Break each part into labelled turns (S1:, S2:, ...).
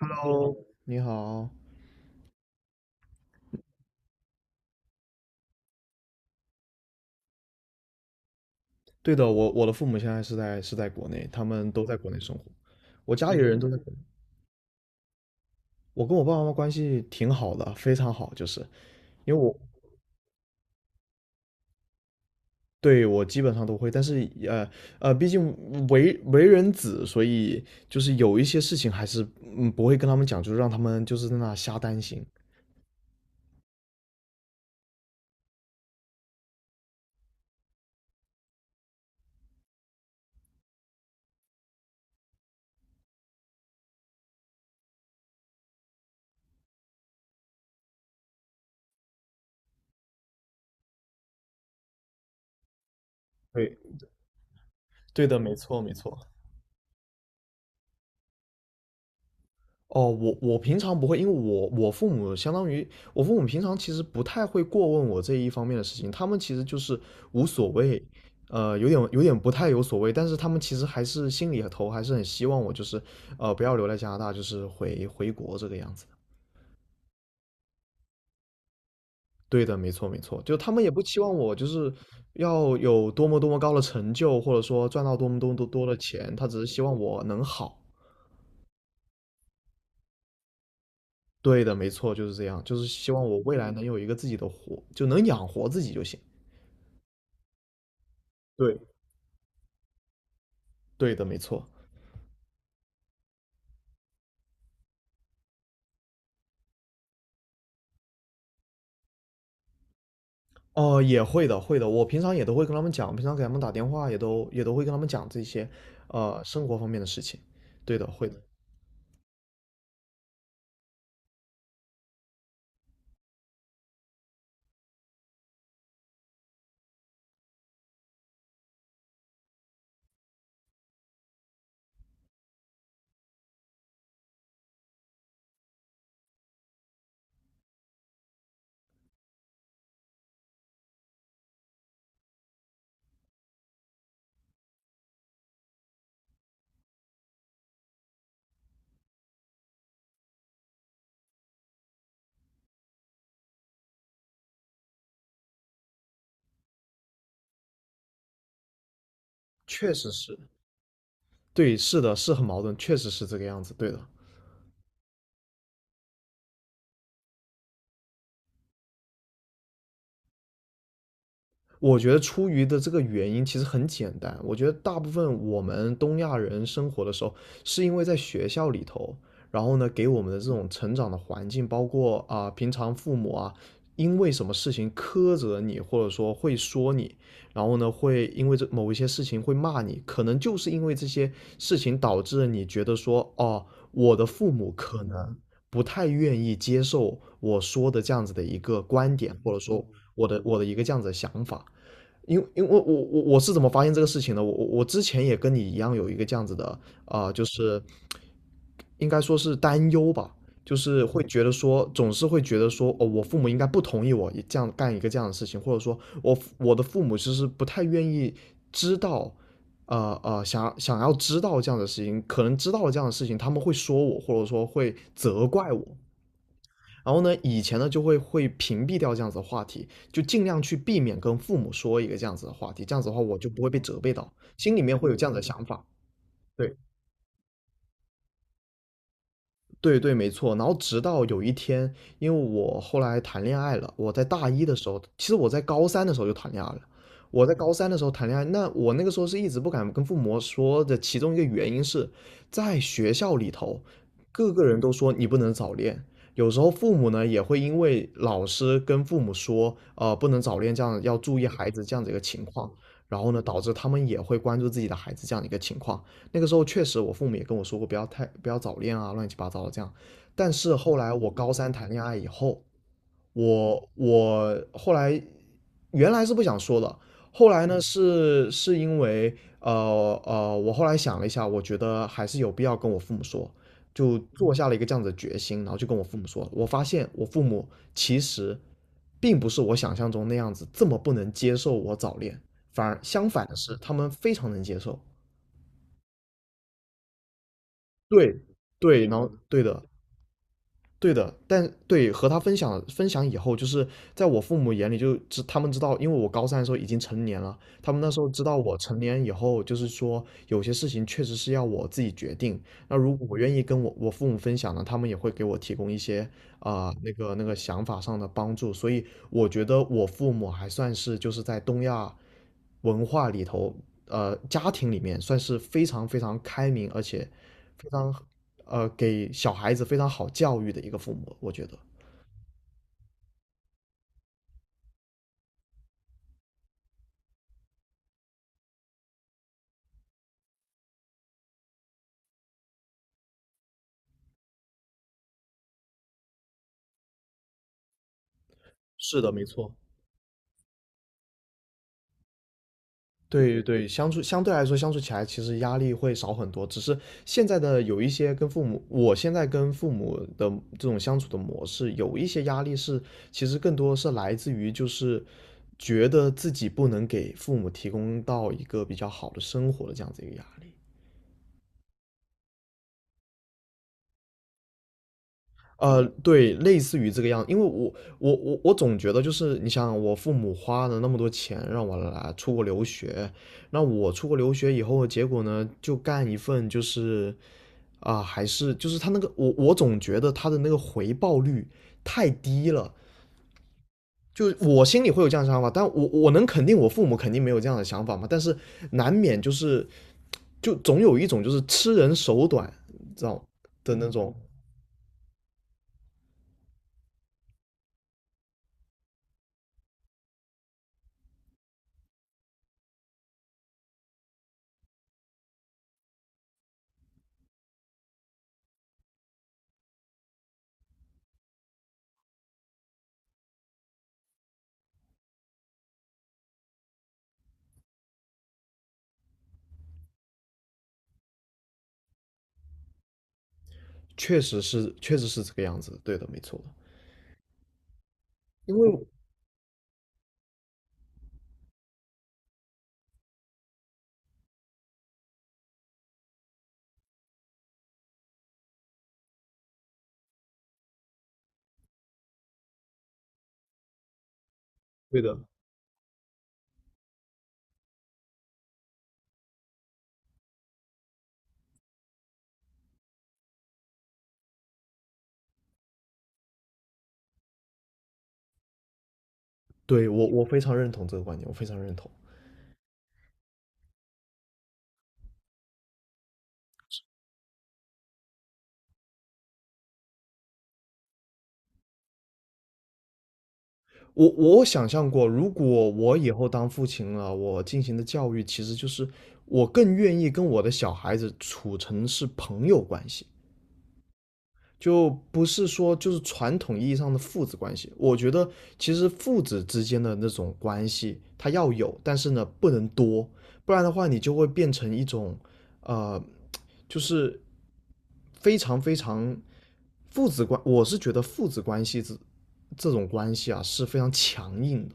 S1: Hello，你好。对的，我的父母现在是在国内，他们都在国内生活。我家里人都在国内。我跟我爸爸妈妈关系挺好的，非常好，就是因为我对我基本上都会，但是毕竟为人子，所以就是有一些事情还是不会跟他们讲，就是让他们就是在那瞎担心。对，对的，没错没错。哦，我平常不会，因为我父母相当于我父母平常其实不太会过问我这一方面的事情，他们其实就是无所谓，有点不太有所谓，但是他们其实还是心里头还是很希望我就是不要留在加拿大，就是回国这个样子的。对的，没错没错，就他们也不期望我就是要有多么多么高的成就，或者说赚到多么多么多多的钱，他只是希望我能好。对的，没错，就是这样，就是希望我未来能有一个自己的活，就能养活自己就行。对，对的，没错。哦、也会的，会的。我平常也都会跟他们讲，平常给他们打电话也都会跟他们讲这些，生活方面的事情。对的，会的，确实是，对，是的，是很矛盾，确实是这个样子。对的，我觉得出于的这个原因其实很简单，我觉得大部分我们东亚人生活的时候，是因为在学校里头，然后呢给我们的这种成长的环境，包括啊、平常父母啊，因为什么事情苛责你，或者说会说你，然后呢会因为这某一些事情会骂你，可能就是因为这些事情导致了你觉得说，哦，我的父母可能不太愿意接受我说的这样子的一个观点，或者说我的一个这样子的想法。因为我是怎么发现这个事情的？我之前也跟你一样有一个这样子的就是应该说是担忧吧，就是会觉得说总是会觉得说哦，我父母应该不同意我也这样干一个这样的事情，或者说我的父母其实不太愿意知道，想要知道这样的事情，可能知道了这样的事情，他们会说我，或者说会责怪我。然后呢，以前呢就会屏蔽掉这样子的话题，就尽量去避免跟父母说一个这样子的话题，这样子的话我就不会被责备到，心里面会有这样子的想法。对。对对，没错。然后直到有一天，因为我后来谈恋爱了，我在大一的时候，其实我在高三的时候就谈恋爱了。我在高三的时候谈恋爱，那我那个时候是一直不敢跟父母说的，其中一个原因是在学校里头，各个人都说你不能早恋。有时候父母呢也会因为老师跟父母说，不能早恋，这样要注意孩子这样的一个情况，然后呢，导致他们也会关注自己的孩子这样的一个情况。那个时候确实我父母也跟我说过，不要太不要早恋啊，乱七八糟的这样。但是后来我高三谈恋爱以后，我后来原来是不想说的，后来呢是因为我后来想了一下，我觉得还是有必要跟我父母说，就做下了一个这样子的决心，然后就跟我父母说，我发现我父母其实并不是我想象中那样子这么不能接受我早恋，反而相反的是，他们非常能接受。对对，然后对的。对的，但对和他分享分享以后，就是在我父母眼里他们知道，因为我高三的时候已经成年了，他们那时候知道我成年以后，就是说有些事情确实是要我自己决定。那如果我愿意跟我父母分享呢，他们也会给我提供一些那个想法上的帮助。所以我觉得我父母还算是就是在东亚文化里头，家庭里面算是非常非常开明，而且非常给小孩子非常好教育的一个父母，我觉得。是的，没错。对对，相对来说相处起来其实压力会少很多，只是现在的有一些跟父母，我现在跟父母的这种相处的模式，有一些压力是其实更多是来自于就是觉得自己不能给父母提供到一个比较好的生活的这样子一个压力。对，类似于这个样子，因为我总觉得就是你想，我父母花了那么多钱让我来出国留学，那我出国留学以后，结果呢就干一份就是啊、还是就是他那个我总觉得他的那个回报率太低了。就我心里会有这样的想法，但我能肯定我父母肯定没有这样的想法嘛，但是难免就是就总有一种就是吃人手短，知道的那种，确实是这个样子，对的，没错的因为对的，对我非常认同这个观点，我非常认同。我想象过，如果我以后当父亲了，我进行的教育其实就是我更愿意跟我的小孩子处成是朋友关系。就不是说就是传统意义上的父子关系。我觉得其实父子之间的那种关系，它要有，但是呢不能多，不然的话你就会变成一种，呃，就是非常非常父子关，我是觉得父子关系这种关系啊是非常强硬的。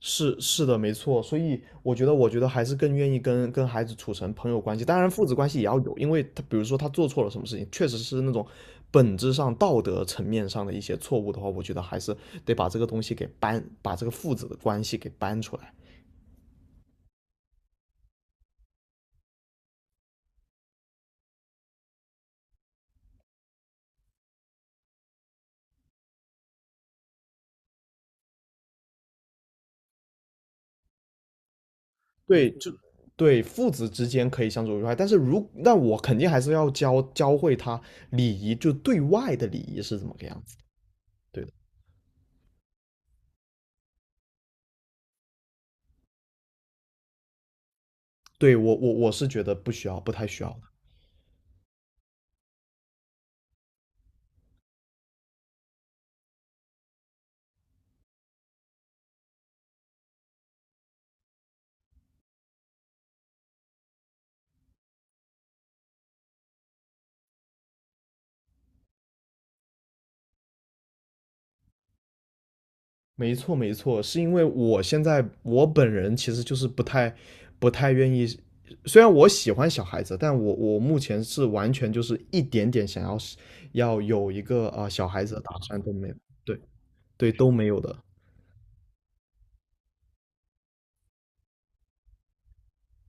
S1: 是的，没错，所以我觉得，还是更愿意跟孩子处成朋友关系。当然，父子关系也要有，因为他比如说他做错了什么事情，确实是那种本质上道德层面上的一些错误的话，我觉得还是得把这个东西给搬，把这个父子的关系给搬出来。对，就对父子之间可以相处愉快，但是那我肯定还是要教会他礼仪，就对外的礼仪是怎么个样子。对的，对我是觉得不需要，不太需要的。没错，没错，是因为我现在我本人其实就是不太愿意，虽然我喜欢小孩子，但我目前是完全就是一点点想要有一个小孩子的打算都没有，对对都没有的。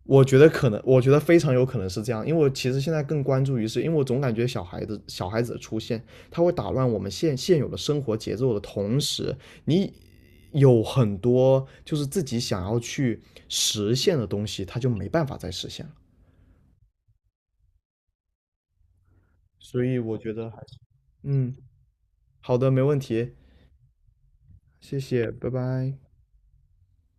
S1: 我觉得可能，我觉得非常有可能是这样，因为我其实现在更关注于是，因为我总感觉小孩子的出现，他会打乱我们现有的生活节奏的同时，你有很多就是自己想要去实现的东西，他就没办法再实现了。所以我觉得还是，嗯，好的，没问题，谢谢，拜拜。